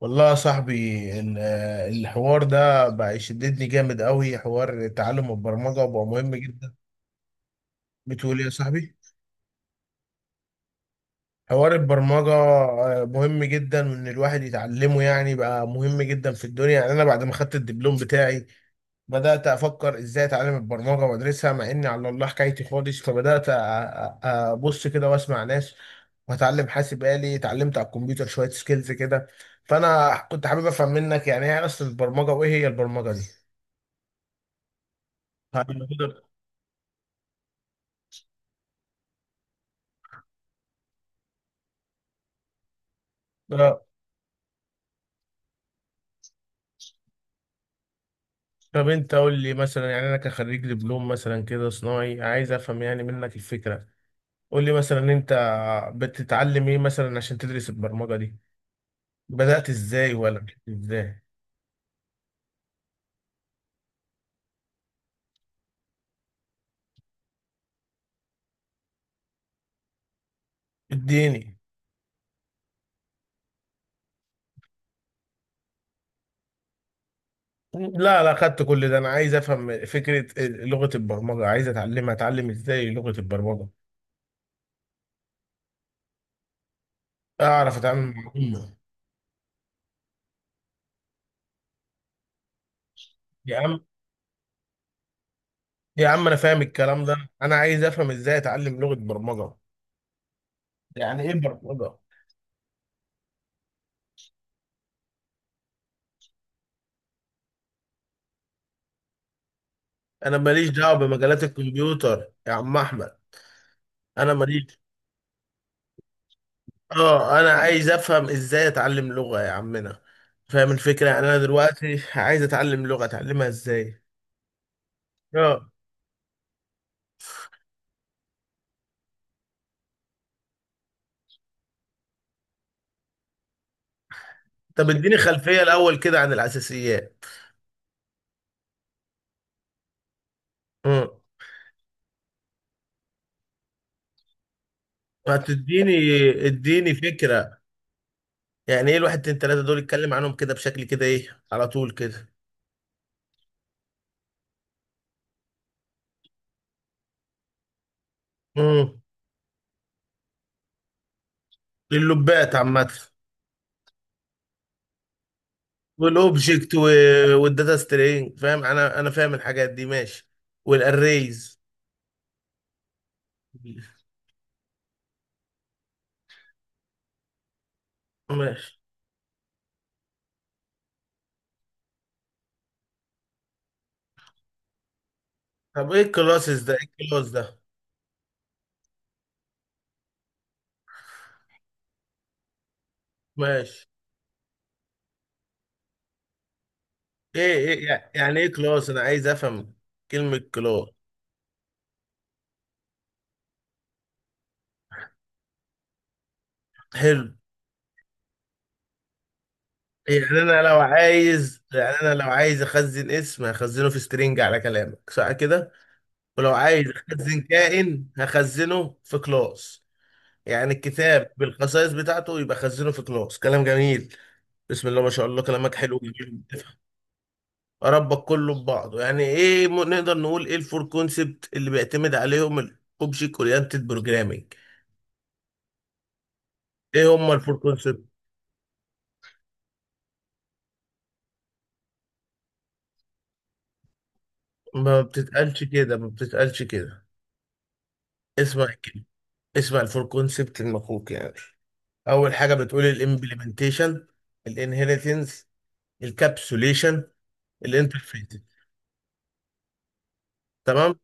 والله يا صاحبي، ال- الحوار ده بقى يشددني جامد قوي. حوار تعلم البرمجة بقى مهم جدا. بتقول إيه يا صاحبي؟ حوار البرمجة مهم جدا، وان الواحد يتعلمه يعني بقى مهم جدا في الدنيا. يعني انا بعد ما خدت الدبلوم بتاعي بدأت افكر ازاي اتعلم البرمجة وادرسها، مع اني على الله حكايتي خالص. فبدأت ابص كده واسمع ناس، واتعلم حاسب آلي. اتعلمت على الكمبيوتر شوية سكيلز كده. فانا كنت حابب افهم منك يعني ايه اصل البرمجة، وايه هي البرمجة دي. هنقدر. آه. طب انت قول لي مثلا، يعني انا كخريج دبلوم مثلا كده صناعي، عايز افهم يعني منك الفكره. قول لي مثلا انت بتتعلم ايه مثلا عشان تدرس البرمجه دي؟ بدات ازاي ولا مش ازاي؟ اديني. لا لا، خدت كل ده. انا عايز افهم فكره لغه البرمجه، عايز اتعلمها. اتعلم ازاي لغه البرمجه؟ اعرف اتعامل مع العملاء. يا عم، يا عم انا فاهم الكلام ده، انا عايز افهم ازاي اتعلم لغه برمجه. يعني ايه برمجه؟ انا ماليش دعوه بمجالات الكمبيوتر يا عم احمد. انا ماليش. اه انا عايز افهم ازاي اتعلم لغه يا عمنا. فاهم الفكره؟ يعني انا دلوقتي عايز اتعلم لغه، اتعلمها ازاي؟ اه. طب اديني خلفيه الاول كده عن الاساسيات. امم هتديني. اديني فكره. يعني ايه الواحد اتنين تلاته دول؟ اتكلم عنهم كده بشكل كده ايه على طول كده. امم اللبات عامه. والاوبجكت والداتا سترينج، فاهم. انا فاهم الحاجات دي، ماشي. والاريز. ماشي. طب ايه الكلاسز ده؟ ايه الكلاس ده؟ ماشي. ايه ايه يعني ايه كلاس؟ انا عايز افهم كلمة كلاس. حلو. يعني انا لو عايز، يعني انا لو عايز اخزن اسم هخزنه في سترينج على كلامك، صح كده؟ ولو عايز اخزن كائن هخزنه في كلاس. يعني الكتاب بالخصائص بتاعته يبقى خزنه في كلاس. كلام جميل. بسم الله ما شاء الله، كلامك حلو جميل. اربط كله ببعضه. يعني ايه نقدر نقول ايه الفور كونسبت اللي بيعتمد عليهم الاوبجكت اورينتد بروجرامنج؟ ايه هما الفور كونسبت؟ ما بتتقالش كده، ما بتتقالش كده. اسمع كده. اسمع، الفور كونسبت المفروض يعني اول حاجه بتقول الامبلمنتيشن، الانهيرتنس، الكابسوليشن، الانترفيس. تمام.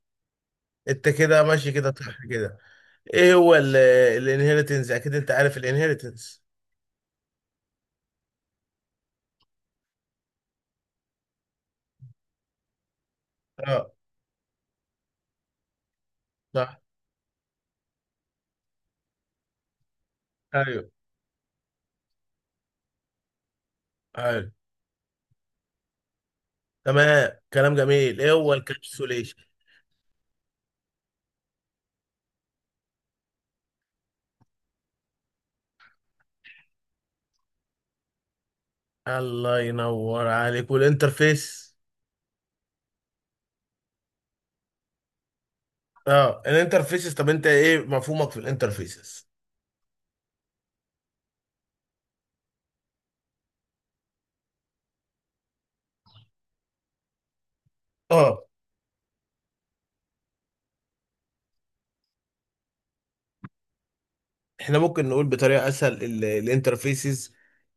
انت كده ماشي كده، صح كده؟ ايه هو الانهيرتنس؟ اكيد انت عارف الانهيرتنس. اه. صح. ايوه. ايوه. تمام، كلام جميل. ايه هو الكابسوليشن؟ الله ينور عليك. والانترفيس؟ اه الانترفيسز. طب انت ايه مفهومك في الانترفيسز؟ اه، احنا ممكن نقول بطريقه اسهل، الانترفيسز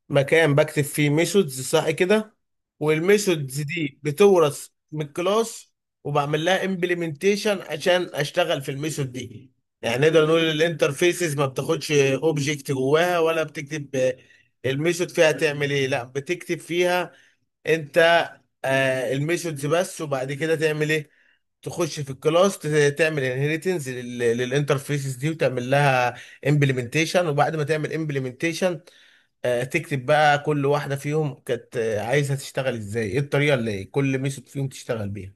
مكان بكتب فيه ميثودز، صح كده؟ والميثودز دي بتورث من الكلاس، وبعمل لها امبلمنتيشن عشان اشتغل في الميثود دي. يعني نقدر نقول الانترفيسز ما بتاخدش اوبجكت جواها، ولا بتكتب الميثود فيها تعمل ايه، لا بتكتب فيها انت آه الميثودز بس. وبعد كده تعمل ايه؟ تخش في الكلاس تعمل انهيرتنس للانترفيسز دي، وتعمل لها امبلمنتيشن. وبعد ما تعمل امبلمنتيشن، تكتب بقى كل واحده فيهم كانت عايزها تشتغل ازاي، ايه الطريقه اللي كل ميثود فيهم تشتغل بيها.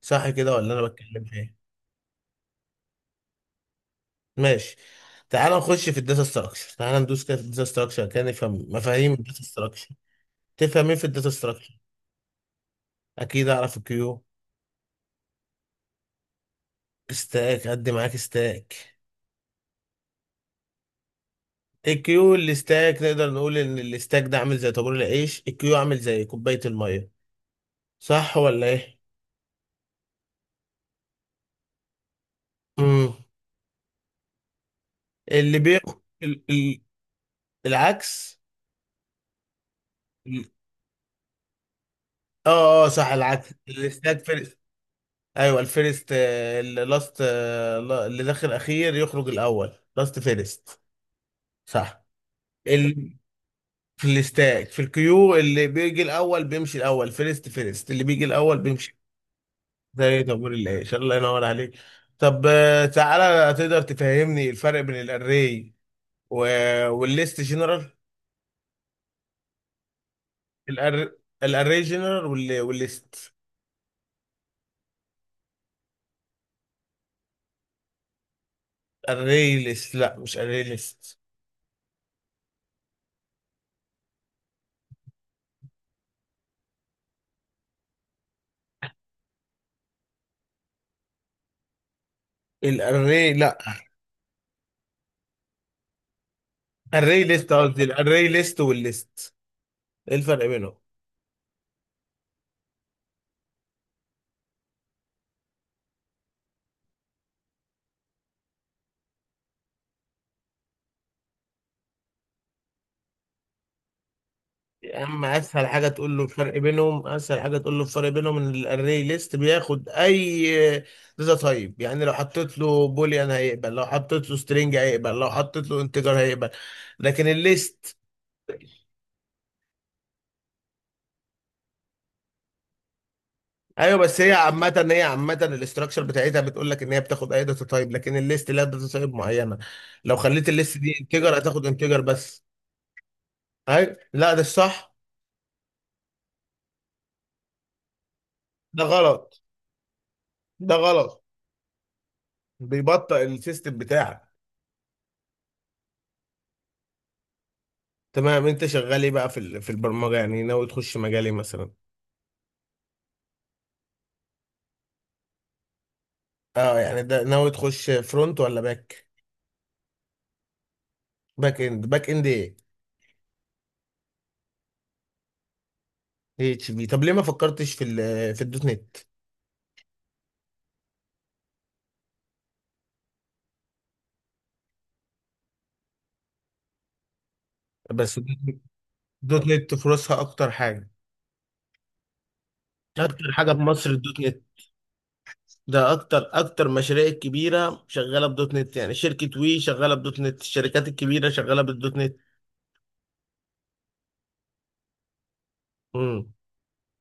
صح كده؟ ولا انا بتكلم في ايه؟ ماشي. تعال نخش في الداتا ستراكشر، تعال ندوس كده في الداتا ستراكشر كده، نفهم مفاهيم الداتا ستراكشر. تفهم ايه في الداتا ستراكشر؟ اكيد اعرف الكيو. ستاك؟ قد معاك ستاك. الكيو، الستاك. نقدر نقول ان الستاك ده عامل زي طابور العيش، الكيو عامل زي كوبايه الميه. صح ولا ايه؟ امم اللي بياخد العكس. ال- اه اه صح، العكس الاستاد فيرست. ايوه الفيرست اللي لاست اللي داخل اخير يخرج الاول، لاست فيرست. صح. ال... في الاستاد. في الكيو اللي بيجي الاول بيمشي الاول، فيرست فيرست، اللي بيجي الاول بيمشي. زي طابور العيش. الله ينور عليك. طب تعالى تقدر تفهمني الفرق بين الاري و... والليست جنرال. الأر... الاري جنرال والليست. الاري ليست؟ لا مش اري ليست. الاري، لا. الاري ليست قصدي، الاري ليست والليست، ايه الفرق بينهم؟ يا عم اسهل حاجه تقول له الفرق بينهم، اسهل حاجه تقول له الفرق بينهم ان الاري ليست بياخد اي داتا تايب. يعني لو حطيت له بوليان هيقبل، لو حطيت له سترينج هيقبل، لو حطيت له انتجر هيقبل. لكن الليست، ايوه بس هي عامه، هي عامه الاستراكشر بتاعتها بتقول لك ان هي بتاخد اي داتا تايب، لكن الليست لها داتا تايب معينه. لو خليت الليست دي انتجر هتاخد انتجر بس. ايوه، لا ده الصح. ده غلط، ده غلط، بيبطئ السيستم بتاعك. تمام. انت شغال ايه بقى في في البرمجه؟ يعني ناوي تخش مجال ايه مثلا؟ اه. يعني ده ناوي تخش فرونت ولا باك؟ باك اند، باك اند ايه؟ اتش بي. طب ليه ما فكرتش في ال، في الدوت نت؟ بس الدوت نت فرصها اكتر حاجه، اكتر حاجه في مصر الدوت نت ده. اكتر اكتر مشاريع كبيره شغاله بدوت نت، يعني شركه وي شغاله بدوت نت، الشركات الكبيره شغاله بالدوت نت.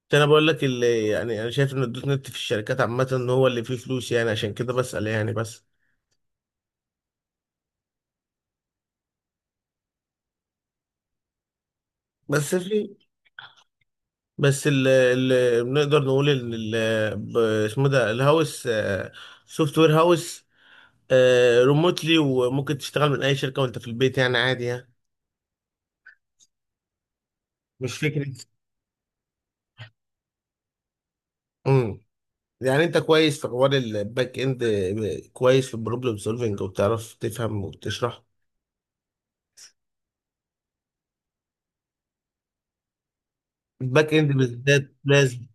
عشان انا بقول لك اللي، يعني انا شايف ان الدوت نت في الشركات عامه ان هو اللي فيه فلوس، يعني عشان كده بسأل يعني. بس، بس في، بس اللي بنقدر نقول ان اسمه ده الهاوس، سوفت وير هاوس. ريموتلي، وممكن تشتغل من اي شركه وانت في البيت، يعني عادي يعني. مش فكره. امم، يعني انت كويس في حوار الباك اند، كويس في البروبلم سولفنج، وبتعرف تفهم وتشرح. الباك اند بالذات لازم،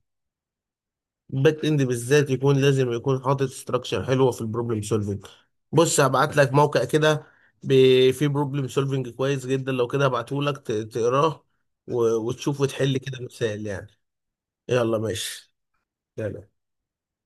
باك اند بالذات يكون لازم يكون حاطط ستراكشر حلوه في البروبلم سولفنج. بص هبعت لك موقع كده، فيه بروبلم سولفنج كويس جدا. لو كده هبعته لك تقراه، وتشوف وتحل كده مسائل يعني. يلا ماشي. يلا.